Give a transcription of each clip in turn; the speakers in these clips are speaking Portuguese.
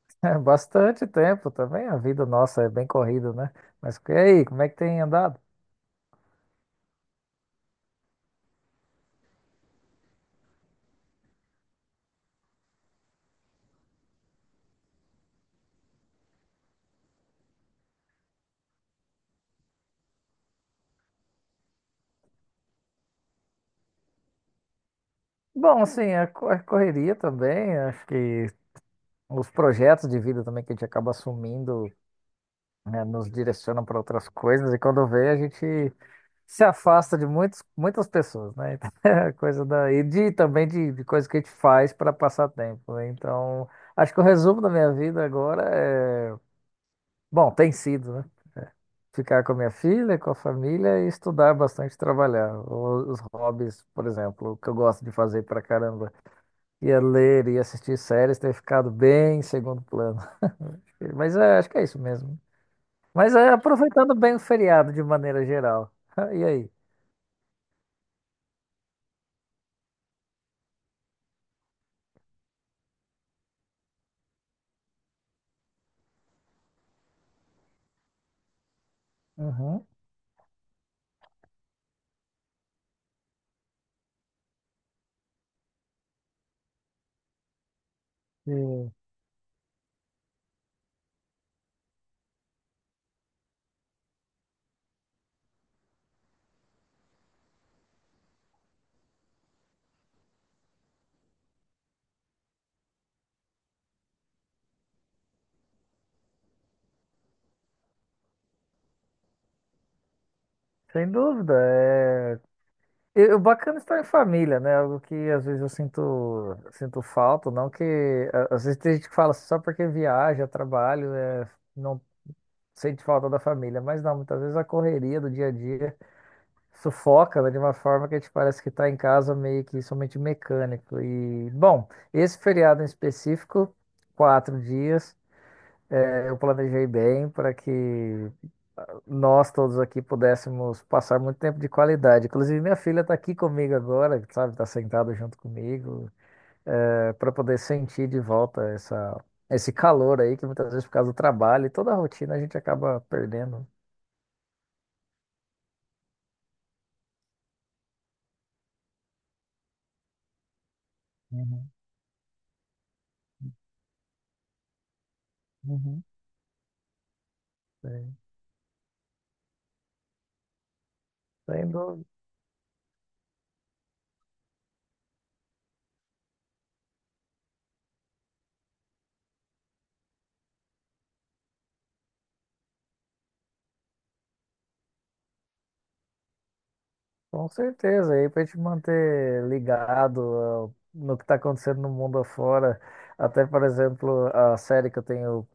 É bastante tempo também, a vida nossa é bem corrida, né? Mas e aí, como é que tem andado? Bom, assim, a correria também, acho que os projetos de vida também que a gente acaba assumindo, né, nos direcionam para outras coisas, e quando vê, a gente se afasta de muitas pessoas, né? Então, é a coisa da, e de, também de coisas que a gente faz para passar tempo, né? Então, acho que o resumo da minha vida agora é, bom, tem sido, né? Ficar com a minha filha, com a família e estudar bastante, e trabalhar. Os hobbies, por exemplo, que eu gosto de fazer pra caramba. Ia ler, ia assistir séries, ter ficado bem em segundo plano. Mas é, acho que é isso mesmo. Mas é aproveitando bem o feriado de maneira geral. E aí? Uhum. Sim. Sem dúvida. E o bacana é estar em família, né? Algo que às vezes eu sinto, sinto falta, não que... Às vezes tem gente que fala assim, só porque viaja, trabalho, não sente falta da família, mas não, muitas vezes a correria do dia a dia sufoca, né, de uma forma que a gente parece que está em casa meio que somente mecânico. E, bom, esse feriado em específico, 4 dias, eu planejei bem para que nós todos aqui pudéssemos passar muito tempo de qualidade. Inclusive, minha filha está aqui comigo agora, sabe, está sentada junto comigo, para poder sentir de volta essa. Esse calor aí, que muitas vezes por causa do trabalho e toda a rotina a gente acaba perdendo. Uhum, uhum. Sim. Tendo, com certeza, aí para te manter ligado ó, no que está acontecendo no mundo afora. Até, por exemplo, a série que eu tenho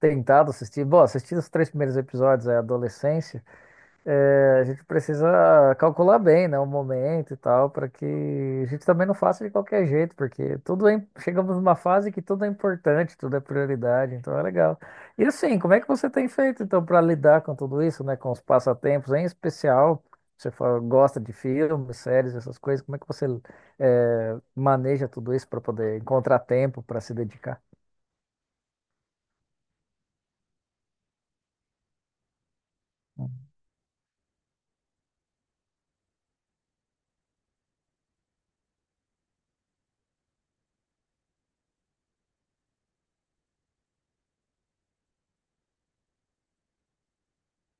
tentado assistir. Bom, assisti os 3 primeiros episódios, é Adolescência. É, a gente precisa calcular bem, né, o momento e tal, para que a gente também não faça de qualquer jeito, porque tudo é, chegamos numa fase que tudo é importante, tudo é prioridade, então é legal. E assim, como é que você tem feito então para lidar com tudo isso, né, com os passatempos, em especial, você fala, gosta de filmes, séries, essas coisas, como é que você maneja tudo isso para poder encontrar tempo para se dedicar?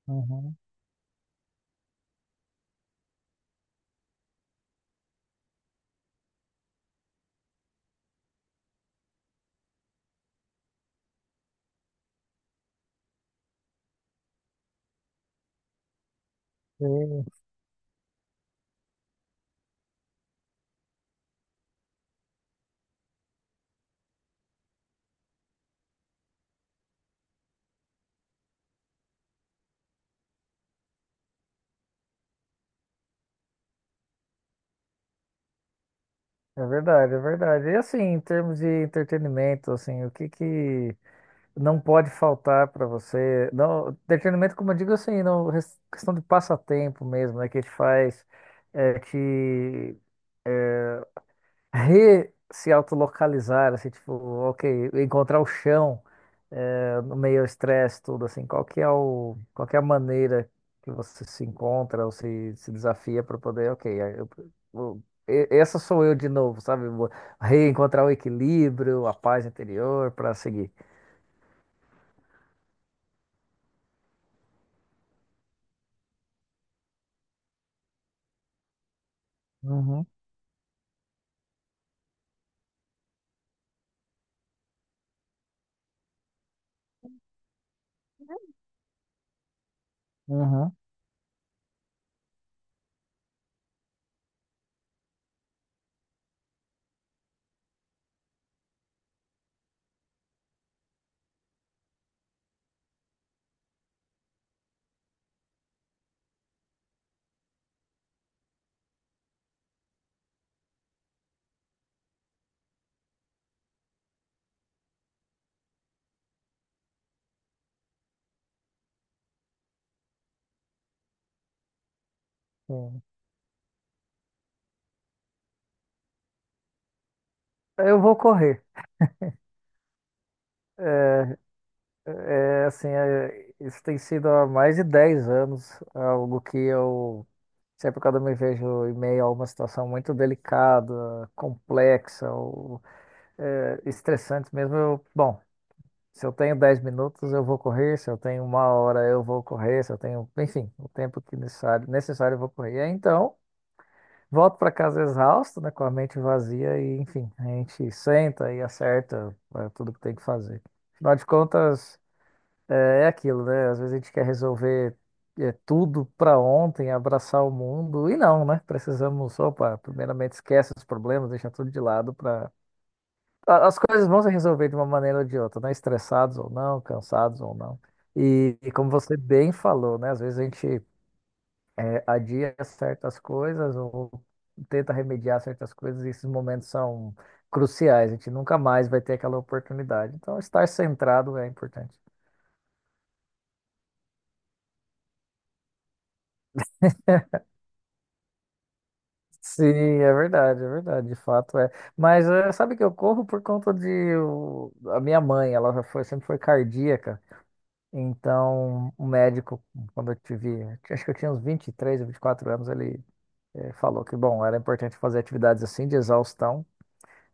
Uhum. Sim. É verdade, é verdade. E assim, em termos de entretenimento, assim, o que que não pode faltar para você. Não, entretenimento, como eu digo assim, não, questão de passatempo mesmo, né? Que te faz é, te re se autolocalizar, assim, tipo, ok, encontrar o chão no meio ao estresse, tudo assim. Qual que é qual que é a maneira que você se encontra ou se desafia para poder, ok, essa sou eu de novo, sabe? Vou reencontrar o equilíbrio, a paz interior para seguir. Uhum, uhum. Eu vou correr. É, assim, é, isso tem sido há mais de 10 anos, algo que eu sempre quando eu me vejo em meio a uma situação muito delicada, complexa ou estressante mesmo, eu, bom, se eu tenho 10 minutos eu vou correr, se eu tenho uma hora eu vou correr, se eu tenho, enfim, o tempo que necessário, necessário eu vou correr. E aí, então, volto para casa exausto, né, com a mente vazia e, enfim, a gente senta e acerta tudo que tem que fazer. Afinal de contas, É, é aquilo, né? Às vezes a gente quer resolver tudo para ontem, abraçar o mundo, e não, né? Precisamos, opa, primeiramente esquece os problemas, deixa tudo de lado para. As coisas vão se resolver de uma maneira ou de outra, né? Estressados ou não, cansados ou não. E como você bem falou, né? Às vezes a gente adia certas coisas ou tenta remediar certas coisas, e esses momentos são cruciais, a gente nunca mais vai ter aquela oportunidade. Então, estar centrado é importante. Sim, é verdade, de fato é. Mas sabe que eu corro por conta a minha mãe, ela já foi, sempre foi cardíaca. Então, o médico, quando eu tive, acho que eu tinha uns 23 ou 24 anos, ele falou que, bom, era importante fazer atividades assim de exaustão.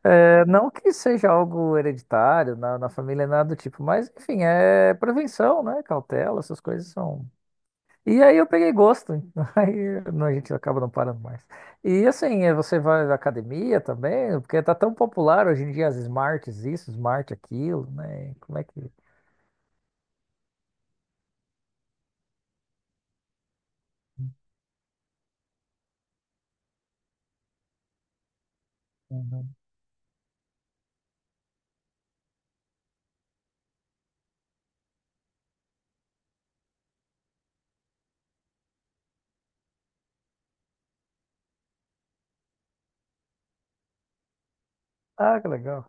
Não que seja algo hereditário na família, nada do tipo, mas enfim, é prevenção, né? Cautela, essas coisas são, e aí eu peguei gosto. Aí não, a gente acaba não parando mais. E assim, você vai à academia também, porque tá tão popular hoje em dia as smarts, isso, smart aquilo, né? Como é que. Uhum. Ah, que legal.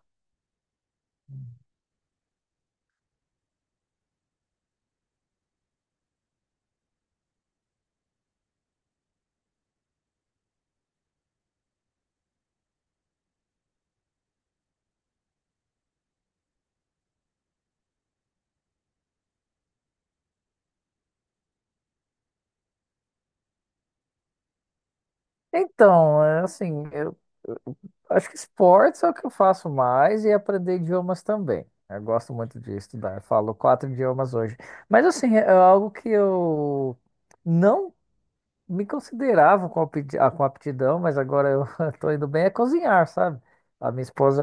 Então, é assim, eu acho que esportes é o que eu faço mais e aprender idiomas também. Eu gosto muito de estudar, eu falo 4 idiomas hoje. Mas assim, é algo que eu não me considerava com com aptidão, mas agora eu tô indo bem é cozinhar, sabe? A minha esposa,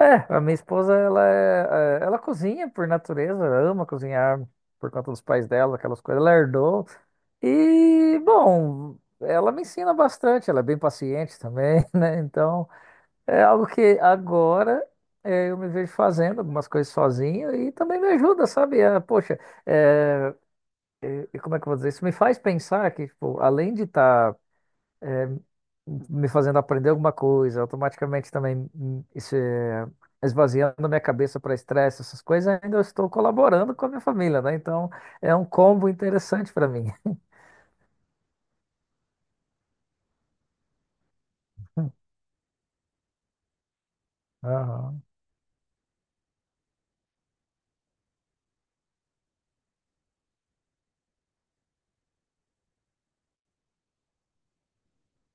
a minha esposa, ela, ela cozinha por natureza, ama cozinhar por conta dos pais dela, aquelas coisas, ela herdou. E, bom, ela me ensina bastante, ela é bem paciente também, né? Então, é algo que agora eu me vejo fazendo algumas coisas sozinho e também me ajuda, sabe? Ah, poxa, eh, e como é que eu vou dizer? Isso me faz pensar que, tipo, além de estar me fazendo aprender alguma coisa, automaticamente também isso é, esvaziando minha cabeça para estresse, essas coisas, ainda eu estou colaborando com a minha família, né? Então é um combo interessante para mim. Aham.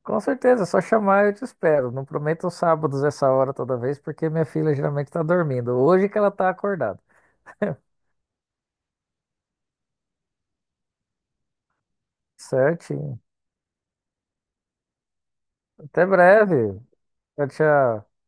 Com certeza, é só chamar eu te espero. Não prometo os sábados essa hora toda vez, porque minha filha geralmente está dormindo. Hoje que ela está acordada. Certinho. Até breve. Tchau, tchau.